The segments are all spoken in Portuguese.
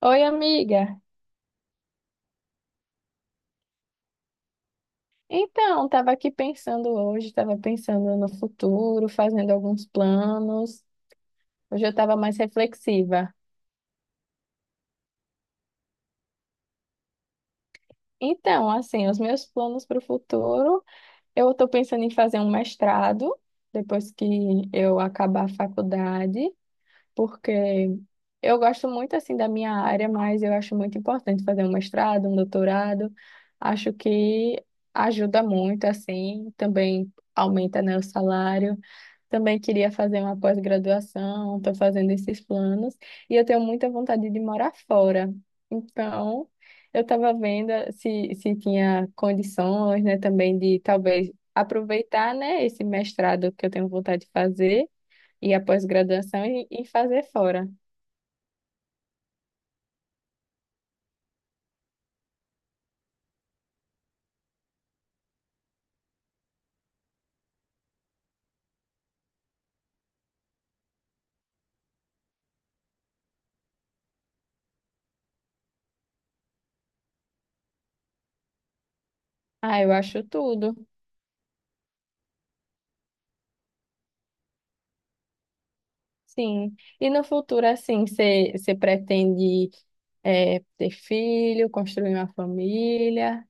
Oi, amiga. Então, estava aqui pensando hoje, estava pensando no futuro, fazendo alguns planos. Hoje eu estava mais reflexiva. Então, assim, os meus planos para o futuro, eu estou pensando em fazer um mestrado depois que eu acabar a faculdade. Porque eu gosto muito assim da minha área, mas eu acho muito importante fazer um mestrado, um doutorado. Acho que ajuda muito assim, também aumenta, né, o salário. Também queria fazer uma pós-graduação, estou fazendo esses planos e eu tenho muita vontade de morar fora. Então, eu estava vendo se tinha condições, né, também de talvez aproveitar, né, esse mestrado que eu tenho vontade de fazer e a pós-graduação e fazer fora. Ah, eu acho tudo. Sim. E no futuro, assim, você pretende ter filho, construir uma família?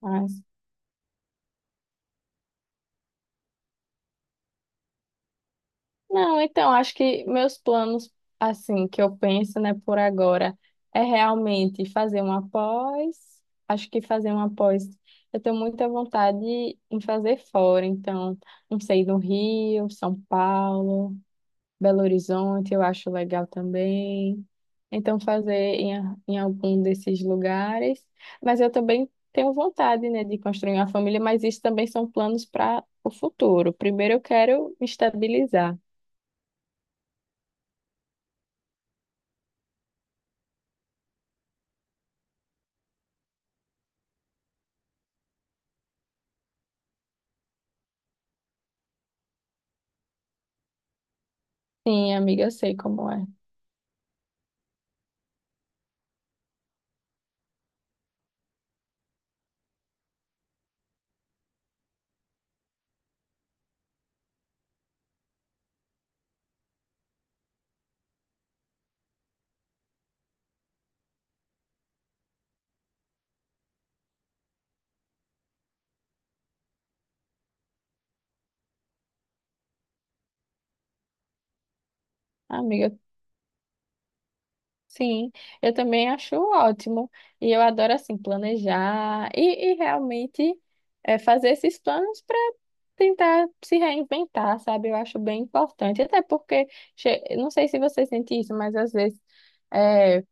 Mas... Não, então, acho que meus planos, assim, que eu penso, né, por agora, é realmente fazer uma pós. Acho que fazer uma pós, eu tenho muita vontade em fazer fora. Então, não sei, no Rio, São Paulo. Belo Horizonte, eu acho legal também. Então, em algum desses lugares. Mas eu também tenho vontade, né, de construir uma família, mas isso também são planos para o futuro. Primeiro, eu quero me estabilizar. Sim, amiga, eu sei como é. Amiga, sim, eu também acho ótimo. E eu adoro, assim, planejar e realmente fazer esses planos para tentar se reinventar, sabe? Eu acho bem importante. Até porque, não sei se você sente isso, mas às vezes é,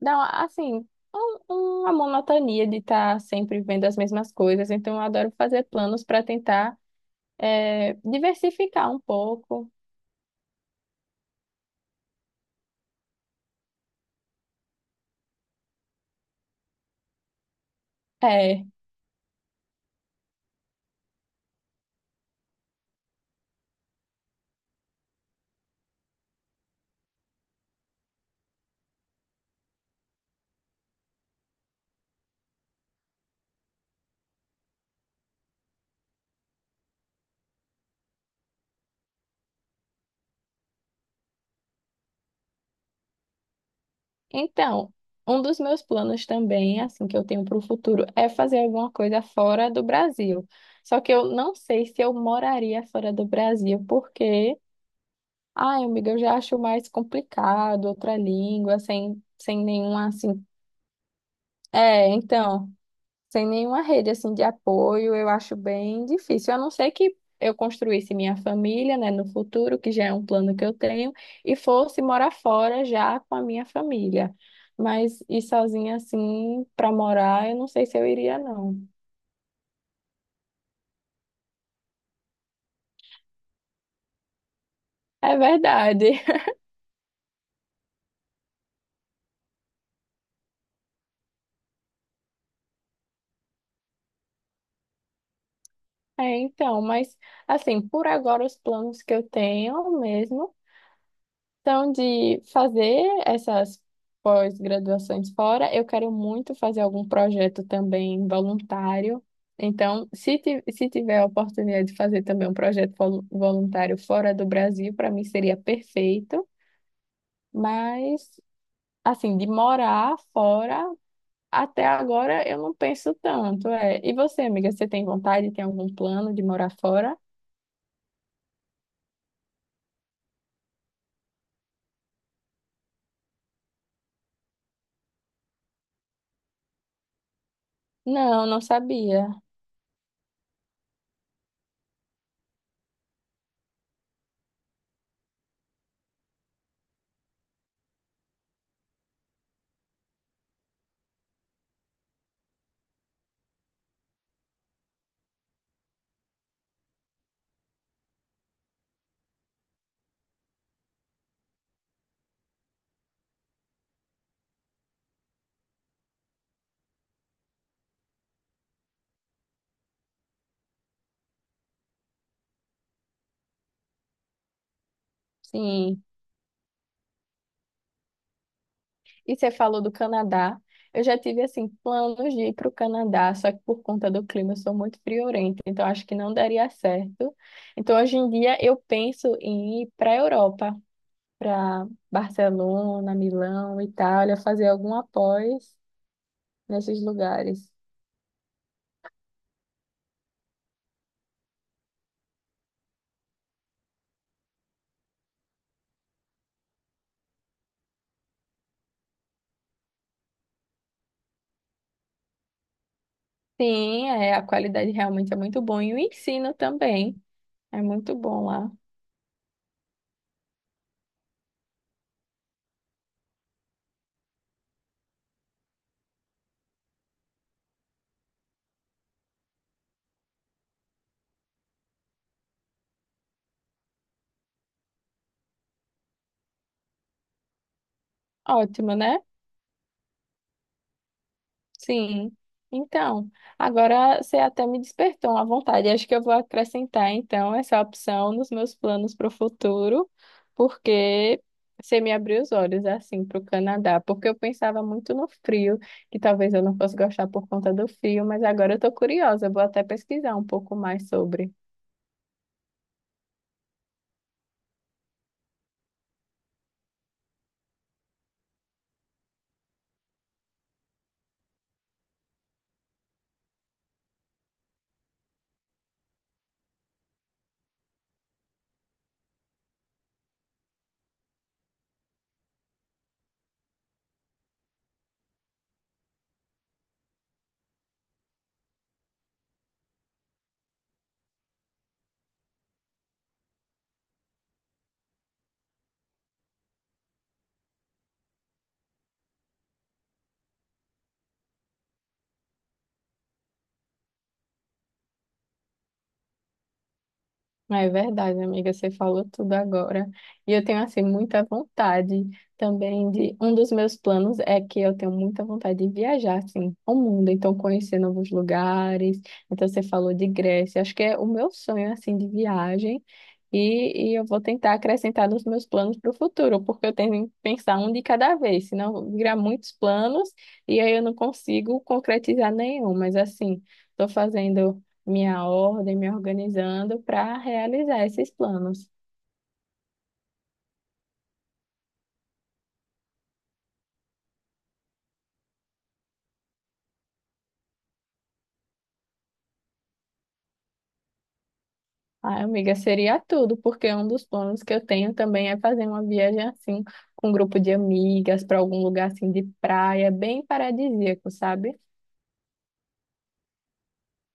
dá, uma- assim, um- uma monotonia de estar sempre vendo as mesmas coisas. Então, eu adoro fazer planos para tentar diversificar um pouco. É. Então, um dos meus planos também, assim, que eu tenho para o futuro, é fazer alguma coisa fora do Brasil. Só que eu não sei se eu moraria fora do Brasil, porque, ai, amiga, eu já acho mais complicado outra língua, sem nenhuma, assim. É, então. Sem nenhuma rede assim de apoio, eu acho bem difícil. A não ser que eu construísse minha família, né, no futuro, que já é um plano que eu tenho, e fosse morar fora já com a minha família. Mas ir sozinha assim para morar, eu não sei se eu iria, não. É verdade. É, então, mas assim, por agora os planos que eu tenho mesmo. Então, de fazer essas pós-graduações fora, eu quero muito fazer algum projeto também voluntário. Então, se tiver a oportunidade de fazer também um projeto voluntário fora do Brasil, para mim seria perfeito. Mas, assim, de morar fora, até agora eu não penso tanto. É. E você, amiga, você tem vontade, tem algum plano de morar fora? Não, não sabia. Sim. E você falou do Canadá. Eu já tive, assim, planos de ir para o Canadá, só que por conta do clima eu sou muito friorenta, então acho que não daria certo. Então, hoje em dia, eu penso em ir para a Europa, para Barcelona, Milão, Itália, fazer algum após nesses lugares. Sim, é, a qualidade realmente é muito boa e o ensino também é muito bom lá. Ótimo, né? Sim. Então, agora você até me despertou uma vontade. Acho que eu vou acrescentar, então, essa opção nos meus planos para o futuro, porque você me abriu os olhos, assim, para o Canadá. Porque eu pensava muito no frio, que talvez eu não fosse gostar por conta do frio, mas agora eu estou curiosa. Eu vou até pesquisar um pouco mais sobre. É verdade, amiga, você falou tudo agora. E eu tenho, assim, muita vontade também de... Um dos meus planos é que eu tenho muita vontade de viajar, assim, ao mundo. Então, conhecer novos lugares. Então, você falou de Grécia. Acho que é o meu sonho, assim, de viagem. E eu vou tentar acrescentar nos meus planos para o futuro, porque eu tenho que pensar um de cada vez, senão eu virar muitos planos e aí eu não consigo concretizar nenhum. Mas, assim, estou fazendo minha ordem, me organizando para realizar esses planos. Ai, amiga, seria tudo, porque um dos planos que eu tenho também é fazer uma viagem assim, com um grupo de amigas, para algum lugar assim de praia, bem paradisíaco, sabe?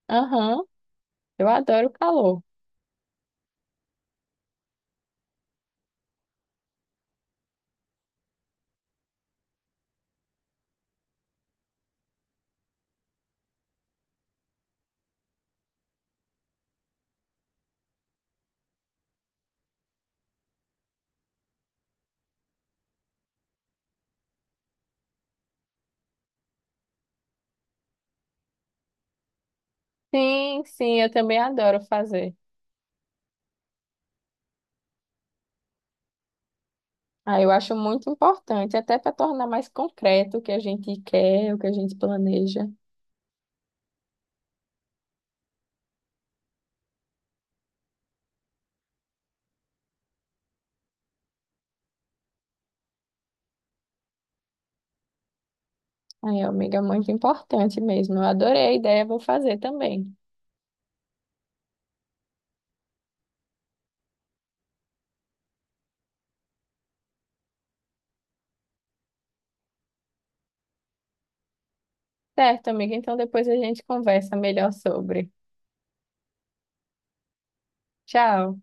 Aham, eu adoro calor. Sim, sim, eu também adoro fazer. Ah, eu acho muito importante, até para tornar mais concreto o que a gente quer, o que a gente planeja. Ai, amiga, é muito importante mesmo. Eu adorei a ideia, vou fazer também. Certo, amiga. Então depois a gente conversa melhor sobre. Tchau.